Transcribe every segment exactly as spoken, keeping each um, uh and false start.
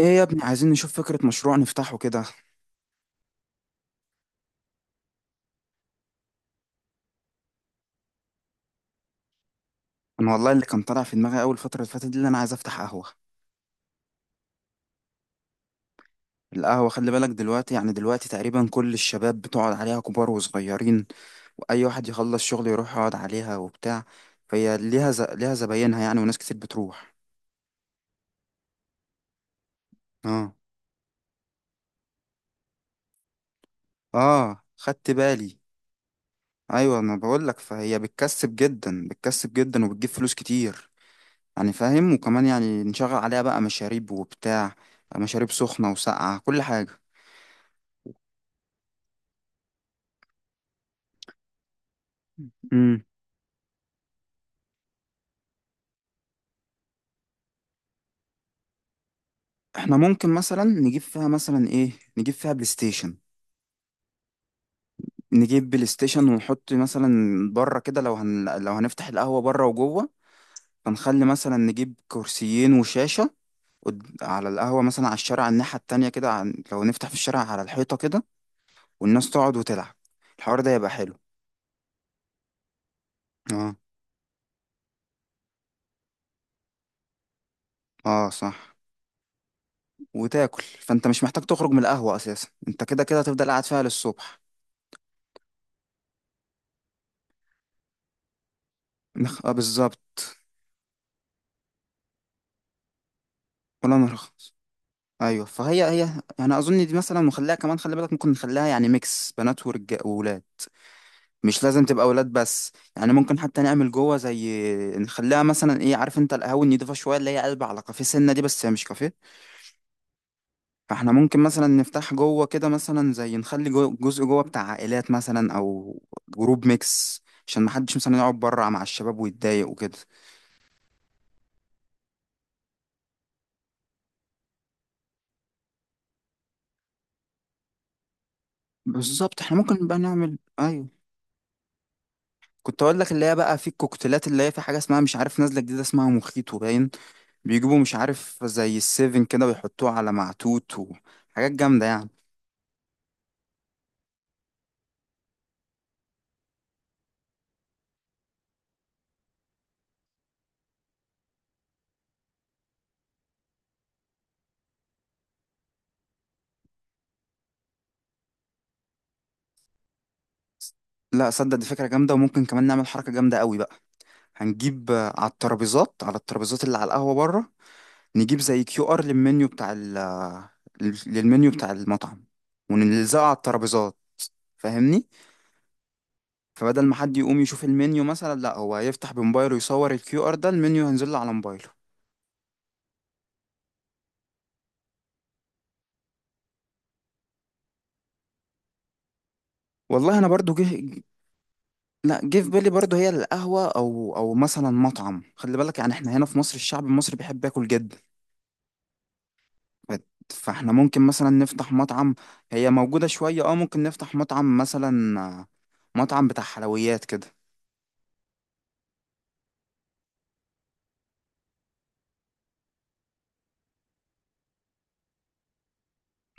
ايه يا ابني؟ عايزين نشوف فكرة مشروع نفتحه كده. انا والله اللي كان طالع في دماغي اول فترة اللي فاتت دي، اللي انا عايز افتح قهوة. القهوة خلي بالك دلوقتي، يعني دلوقتي تقريبا كل الشباب بتقعد عليها، كبار وصغيرين. واي واحد يخلص شغل يروح يقعد عليها وبتاع. فهي ليها ز... ليها زباينها يعني، وناس كتير بتروح. اه. اه، خدت بالي. ايوه، انا بقول لك، فهي بتكسب جدا، بتكسب جدا وبتجيب فلوس كتير. يعني فاهم، وكمان يعني نشغل عليها بقى مشاريب وبتاع. مشاريب سخنة وساقعة، كل حاجة. احنا ممكن مثلا نجيب فيها مثلا ايه؟ نجيب فيها بلاي ستيشن. نجيب بلاي ستيشن ونحط مثلا بره كده، لو هن... لو هنفتح القهوة بره وجوه. فنخلي مثلا نجيب كرسيين وشاشة. قد- على القهوة مثلا، على الشارع، على الناحية التانية كده، عن... لو نفتح في الشارع على الحيطة كده. والناس تقعد وتلعب. الحوار ده يبقى حلو. اه. اه صح. وتاكل، فانت مش محتاج تخرج من القهوة اساسا، انت كده كده هتفضل قاعد فيها للصبح. نخ... اه، بالظبط. ولا نرخص. ايوه، فهي هي. يعني اظن دي مثلا نخليها كمان، خلي بالك ممكن نخليها يعني ميكس بنات ورجال وولاد. مش لازم تبقى ولاد بس، يعني ممكن حتى نعمل جوه زي. نخليها مثلا ايه، عارف انت القهوه النضيفه شويه اللي هي قلب على كافيه سنه دي، بس هي مش كافيه. فاحنا ممكن مثلا نفتح جوه كده مثلا، زي نخلي جو جزء جوه بتاع عائلات مثلا او جروب ميكس، عشان محدش مثلا يقعد بره مع الشباب ويتضايق وكده. بالظبط احنا ممكن بقى نعمل، ايوه. كنت اقول لك، اللي هي بقى في الكوكتيلات، اللي هي في حاجه اسمها مش عارف نازله جديده اسمها مخيط وباين. بيجيبوا مش عارف زي السيفن كده ويحطوه على معتوت وحاجات جامدة يعني. لا، صدق دي فكرة جامدة، وممكن كمان نعمل حركة جامدة قوي بقى. هنجيب آه، على الترابيزات على الترابيزات اللي على القهوة بره. نجيب زي كيو ار للمنيو بتاع ال آه، للمنيو بتاع المطعم ونلزقه على الترابيزات. فاهمني؟ فبدل ما حد يقوم يشوف المنيو مثلا، لا هو هيفتح بموبايله يصور الكيو ار ده، المنيو هينزل له على موبايله. والله انا برضو جه. لا، جه في بالي برضه هي القهوة أو أو مثلا مطعم. خلي بالك، يعني احنا هنا في مصر الشعب المصري بيحب ياكل جدا. ف- فاحنا ممكن مثلا نفتح مطعم. هي موجودة شوية، اه ممكن نفتح مطعم مثلا، آه، مطعم بتاع حلويات كده.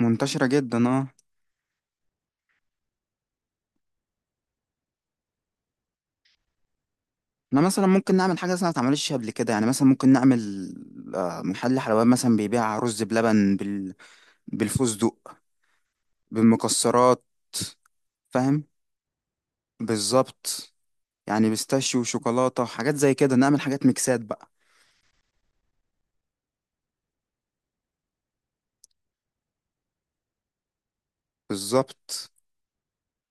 منتشرة جدا، اه. احنا مثلا ممكن نعمل حاجة مثلا ما اتعملتش قبل كده، يعني مثلا ممكن نعمل آه، محل حلويات مثلا بيبيع رز بلبن بال... بالفستق. بالمكسرات. فاهم. بالظبط. يعني بيستاشيو وشوكولاتة حاجات زي كده، نعمل حاجات ميكسات بقى. بالظبط.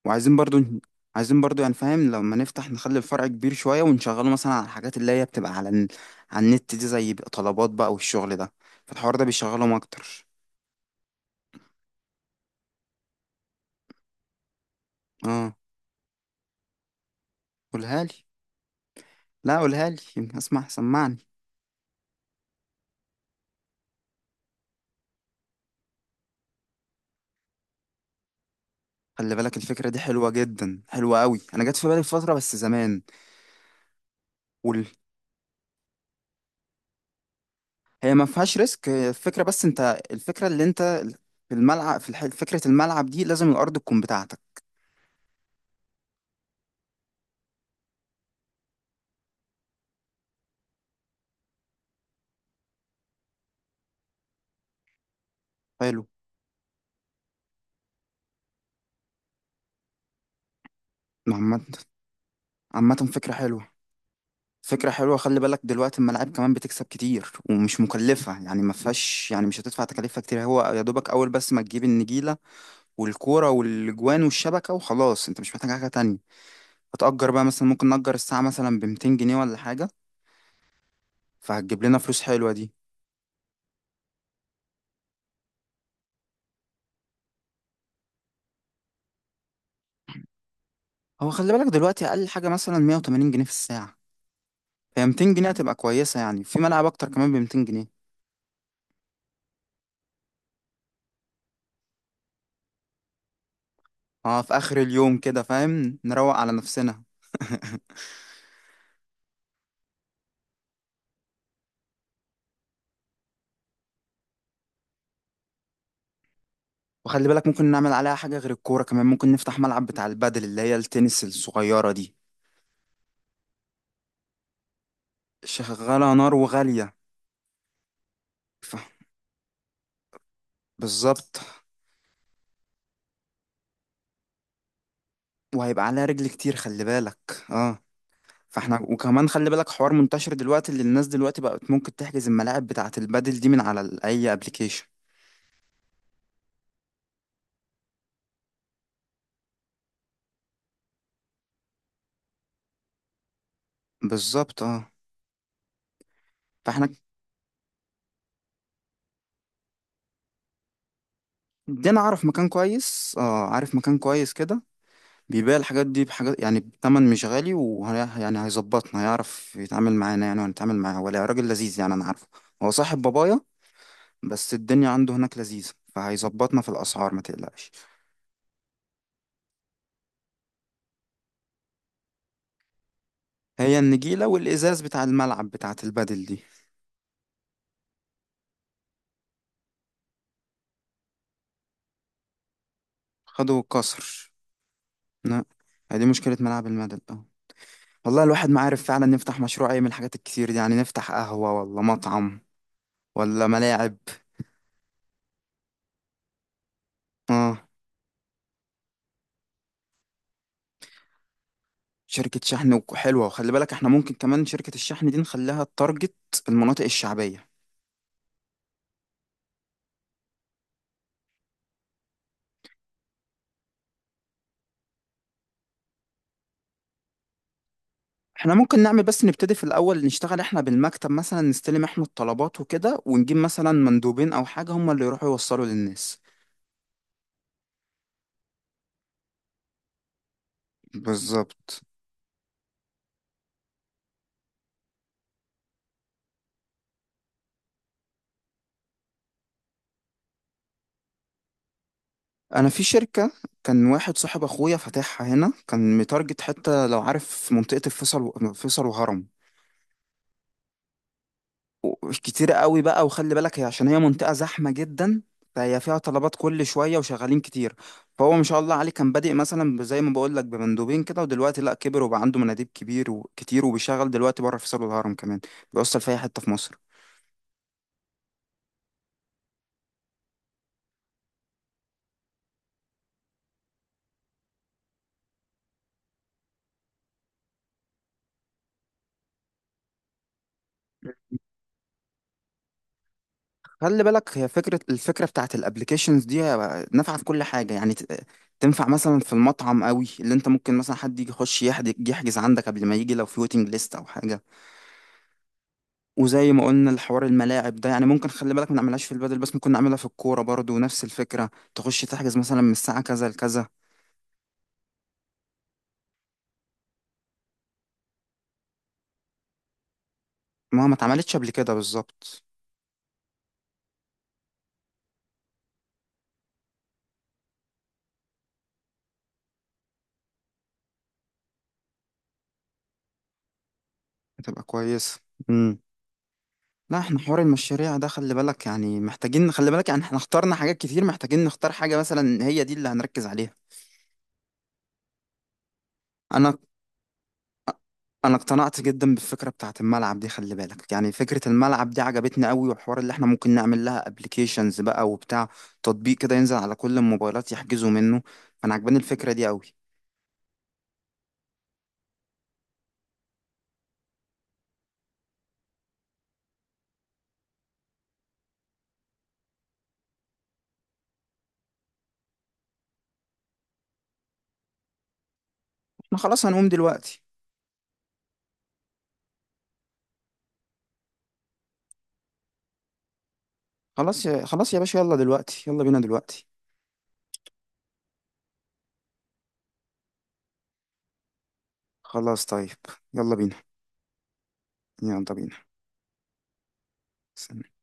وعايزين برضو. عايزين برضو، يعني فاهم لما نفتح نخلي الفرع كبير شوية، ونشغله مثلا على الحاجات اللي هي بتبقى على ال... على النت دي، زي بقى طلبات بقى والشغل ده. فالحوار ده بيشغلهم أكتر. اه. قولها لي. لا، قولها لي، يمكن اسمع. سمعني. خلي بالك الفكرة دي حلوة جدا، حلوة قوي، أنا جت في بالي فترة بس زمان. وال... هي ما فيهاش ريسك، هي الفكرة بس، أنت الفكرة اللي أنت، في الملعب، في الح... فكرة الملعب دي لازم الأرض تكون بتاعتك. حلو. عامة. عامة فكرة حلوة. فكرة حلوة، خلي بالك دلوقتي الملاعب كمان بتكسب كتير ومش مكلفة، يعني ما فيهاش، يعني مش هتدفع تكاليفها كتير، هو يا دوبك أول بس ما تجيب النجيلة والكورة والجوان والشبكة وخلاص، أنت مش محتاج حاجة تانية. هتأجر بقى، مثلا ممكن نأجر الساعة مثلا بمتين جنيه ولا حاجة. فهتجيب لنا فلوس حلوة دي. هو خلي بالك دلوقتي أقل حاجة مثلا مئة وثمانين جنيه في الساعة. هي ميتين جنيه هتبقى كويسة، يعني في ملعب أكتر كمان ب ميتين جنيه. اه، في آخر اليوم كده فاهم، نروق على نفسنا. وخلي بالك ممكن نعمل عليها حاجة غير الكورة، كمان ممكن نفتح ملعب بتاع البادل اللي هي التنس الصغيرة دي. شغالة نار وغالية. ف... بالظبط. وهيبقى عليها رجل كتير، خلي بالك. اه. فاحنا، وكمان خلي بالك حوار منتشر دلوقتي، اللي الناس دلوقتي بقت ممكن تحجز الملاعب بتاعة البادل دي من على ال- اي ابلكيشن. بالظبط، اه. فاحنا، دي انا اعرف مكان كويس، اه عارف مكان كويس كده. بيبيع الحاجات دي بحاجات يعني بتمن مش غالي، وهي يعني هيظبطنا، هيعرف يتعامل معانا يعني، وهنتعامل معاه، ولا راجل لذيذ يعني، انا عارفه. هو صاحب بابايا. بس الدنيا عنده هناك لذيذة، فهيظبطنا في الأسعار ما تقلقش. هي النجيلة والإزاز بتاع الملعب بتاعة البادل دي. خدوا كسر. لا. هي دي مشكلة ملعب المدل، اه. والله الواحد ما عارف فعلا نفتح مشروع ايه من الحاجات الكتير دي، يعني نفتح قهوة ولا مطعم ولا ملاعب؟ اه. شركة شحن وك- حلوة، وخلي بالك احنا ممكن كمان شركة الشحن دي نخليها التارجت المناطق الشعبية. احنا ممكن نعمل بس، نبتدي في الأول نشتغل احنا بالمكتب مثلا، نستلم احنا الطلبات وكده، ونجيب مثلا مندوبين أو حاجة هم اللي يروحوا يوصلوا للناس. بالظبط. أنا في شركة، كان واحد صاحب أخويا فاتحها هنا، كان متارجت حتة لو عارف منطقة الفيصل و... فيصل وهرم. و- كتير قوي بقى، وخلي بالك هي عشان هي منطقة زحمة جدا. فهي فيها طلبات كل شوية وشغالين كتير. فهو ما شاء الله عليه كان بادئ مثلا ب- زي ما بقول لك بمندوبين كده، ودلوقتي لا، كبر وبقى عنده مناديب كبير وكتير، وبيشغل دلوقتي بره في سور الهرم كمان. بيوصل في اي حتة في مصر. خلي بالك، هي فكرة الفكرة بتاعت الابليكيشنز دي نافعة في كل حاجة، يعني ت- تنفع مثلا في المطعم قوي، اللي انت ممكن مثلا حد يجي يخش يحجز يحجز عندك قبل ما يجي لو في ويتنج ليست او حاجة. وزي ما قلنا الحوار الملاعب ده، يعني ممكن خلي بالك ما نعملهاش في البادل بس، ممكن نعملها في الكورة برضو نفس الفكرة، تخش تحجز مثلا من الساعة كذا لكذا. ما ما اتعملتش قبل كده، بالظبط. هتبقى كويسة. امم. لا، احنا حوار المشاريع ده خلي بالك يعني محتاجين، خلي بالك يعني احنا اخترنا حاجات كتير، محتاجين نختار حاجة مثلا هي دي اللي هنركز عليها. انا انا اقتنعت جدا بالفكره بتاعت الملعب دي، خلي بالك يعني فكره الملعب دي عجبتني قوي، والحوار اللي احنا ممكن نعمل لها ابلكيشنز بقى وبتاع، تطبيق كده ينزل على كل الموبايلات يحجزوا منه. انا عجباني الفكره دي قوي. احنا خلاص هنقوم دلوقتي. خلاص يا خلاص يا باشا، يلا دلوقتي، يلا بينا دلوقتي. خلاص طيب. يلا بينا. يلا بينا.